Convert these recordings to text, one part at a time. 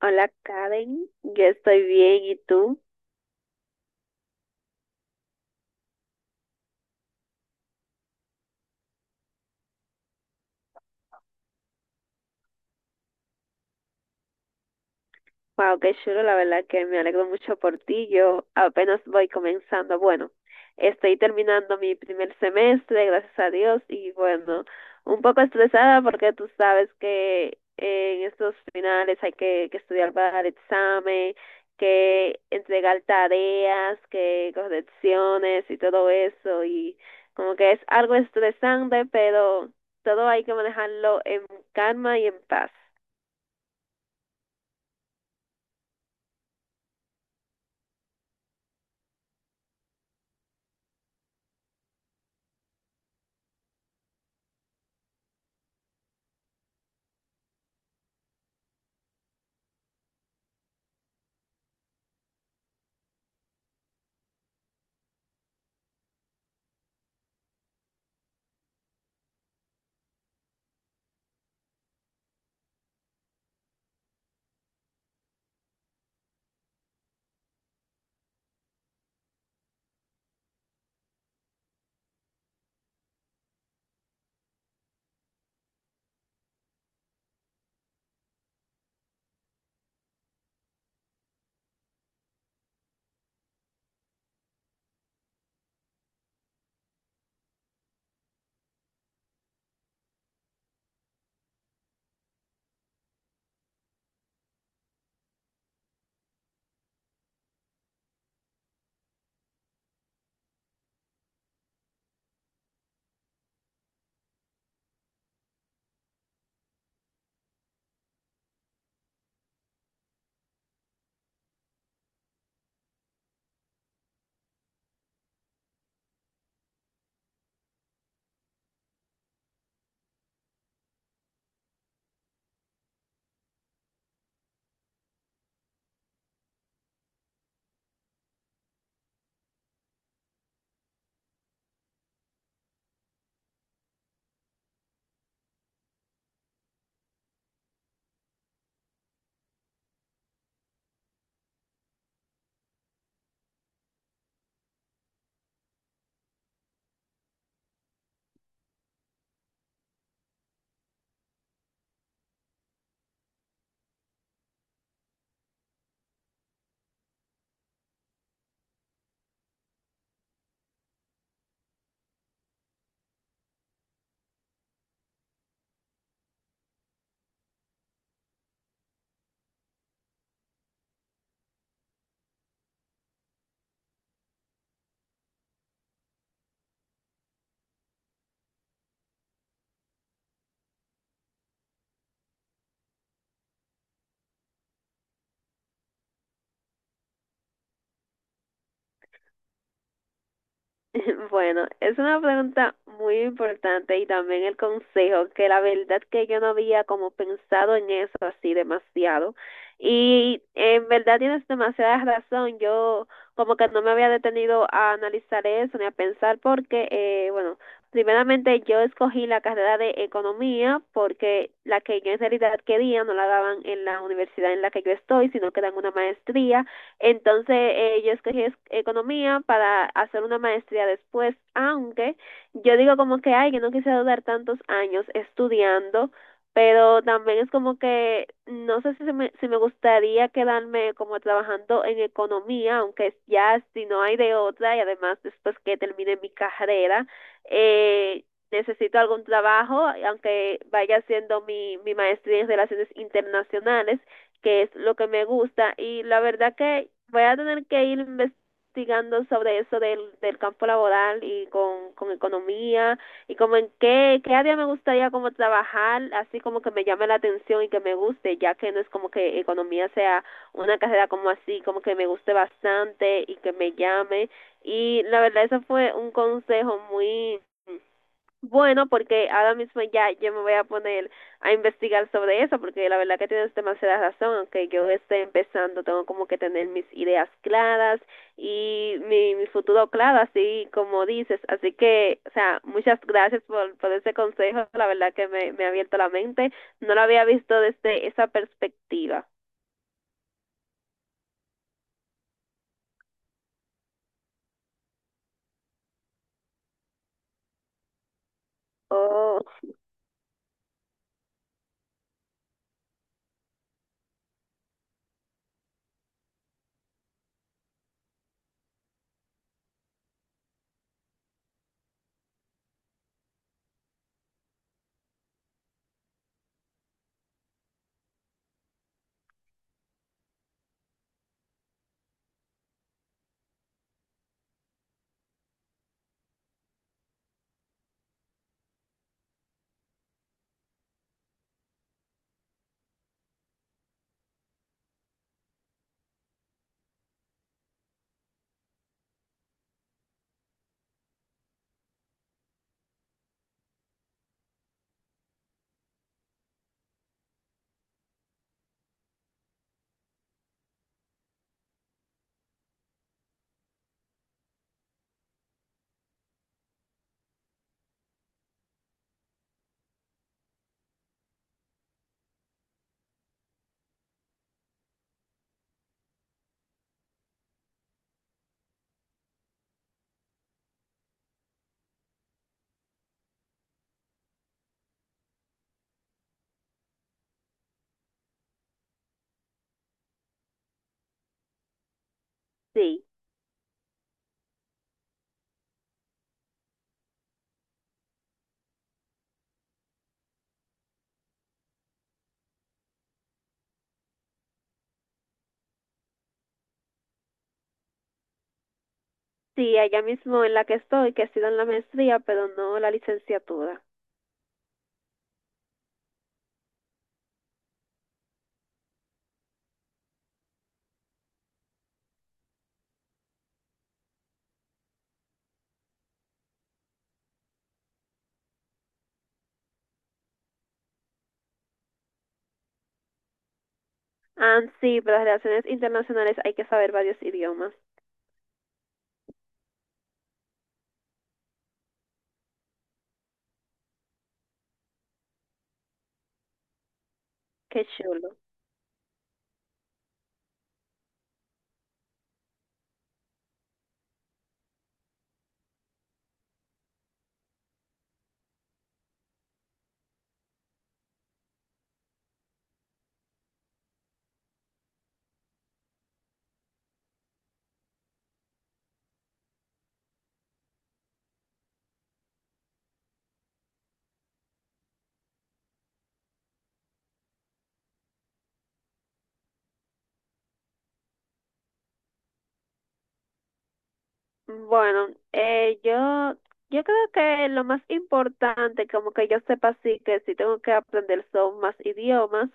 Hola Karen, yo estoy bien, ¿y tú? Wow, qué chulo, la verdad que me alegro mucho por ti. Yo apenas voy comenzando. Bueno, estoy terminando mi primer semestre, gracias a Dios, y bueno, un poco estresada porque tú sabes que en estos finales hay que estudiar para el examen, que entregar tareas, que correcciones y todo eso, y como que es algo estresante, pero todo hay que manejarlo en calma y en paz. Bueno, es una pregunta muy importante y también el consejo, que la verdad que yo no había como pensado en eso así demasiado. Y en verdad tienes demasiada razón, yo como que no me había detenido a analizar eso ni a pensar porque, bueno, primeramente yo escogí la carrera de economía porque la que yo en realidad quería no la daban en la universidad en la que yo estoy, sino que dan una maestría. Entonces yo escogí economía para hacer una maestría después, aunque yo digo como que, ay, que no quise durar tantos años estudiando, pero también es como que no sé si se me, si me gustaría quedarme como trabajando en economía, aunque ya si no hay de otra y además después que termine mi carrera, eh, necesito algún trabajo, aunque vaya haciendo mi maestría en relaciones internacionales que es lo que me gusta y la verdad que voy a tener que ir investigando sobre eso del campo laboral y con economía y como en qué área me gustaría como trabajar, así como que me llame la atención y que me guste, ya que no es como que economía sea una carrera como así, como que me guste bastante y que me llame y la verdad eso fue un consejo muy bueno, porque ahora mismo ya yo me voy a poner a investigar sobre eso, porque la verdad que tienes demasiada razón, aunque yo esté empezando, tengo como que tener mis ideas claras y mi futuro claro, así como dices. Así que, o sea, muchas gracias por ese consejo, la verdad que me ha abierto la mente, no lo había visto desde esa perspectiva. Oh, sí, sí, allá mismo en la que estoy, que ha sido en la maestría, pero no la licenciatura. Ah, sí, para las relaciones internacionales hay que saber varios idiomas. Qué chulo. Bueno, yo creo que lo más importante, como que yo sepa sí que sí tengo que aprender son más idiomas,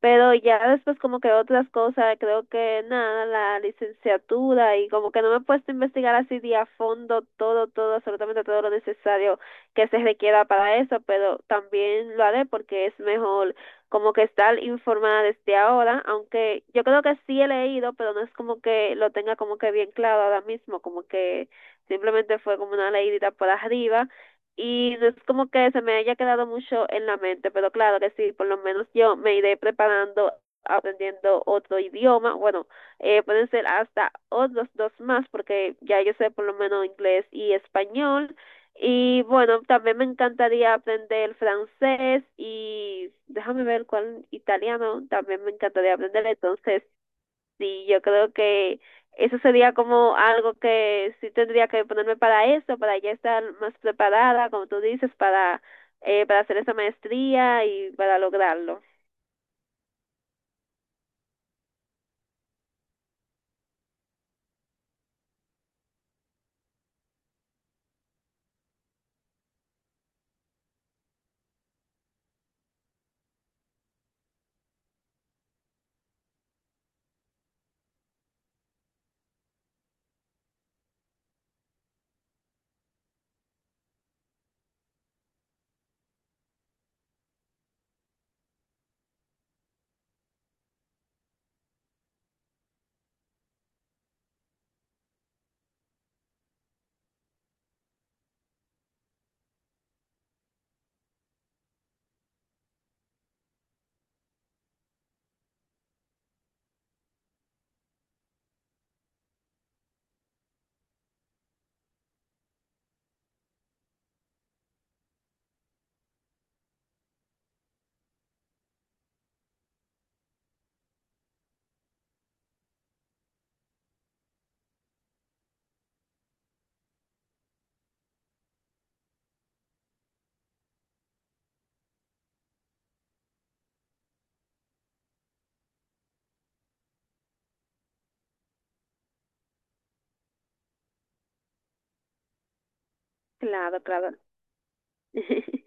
pero ya después como que otras cosas, creo que nada, la licenciatura y como que no me he puesto a investigar así de a fondo todo, todo, absolutamente todo lo necesario que se requiera para eso, pero también lo haré porque es mejor como que estar informada desde ahora, aunque yo creo que sí he leído, pero no es como que lo tenga como que bien claro ahora mismo, como que simplemente fue como una leidita por arriba y no es como que se me haya quedado mucho en la mente, pero claro que sí, por lo menos yo me iré preparando aprendiendo otro idioma, bueno, pueden ser hasta otros dos más, porque ya yo sé por lo menos inglés y español, y bueno, también me encantaría aprender francés y déjame ver cuál italiano también me encantaría aprender. Entonces, sí, yo creo que eso sería como algo que sí tendría que ponerme para eso, para ya estar más preparada, como tú dices, para hacer esa maestría y para lograrlo. Claro, claro.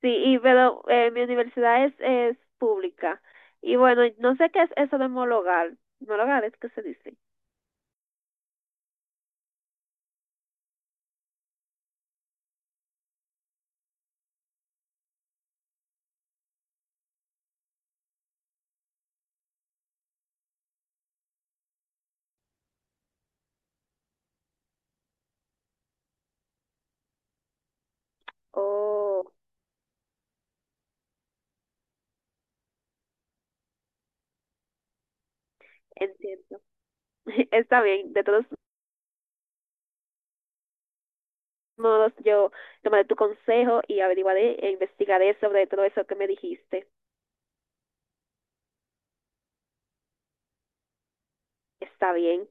Sí, y pero mi universidad es pública. Y bueno, no sé qué es eso de homologar. Homologar es que se dice. Oh, entiendo. Está bien. De todos modos, yo tomaré tu consejo y averiguaré e investigaré sobre todo eso que me dijiste. Está bien.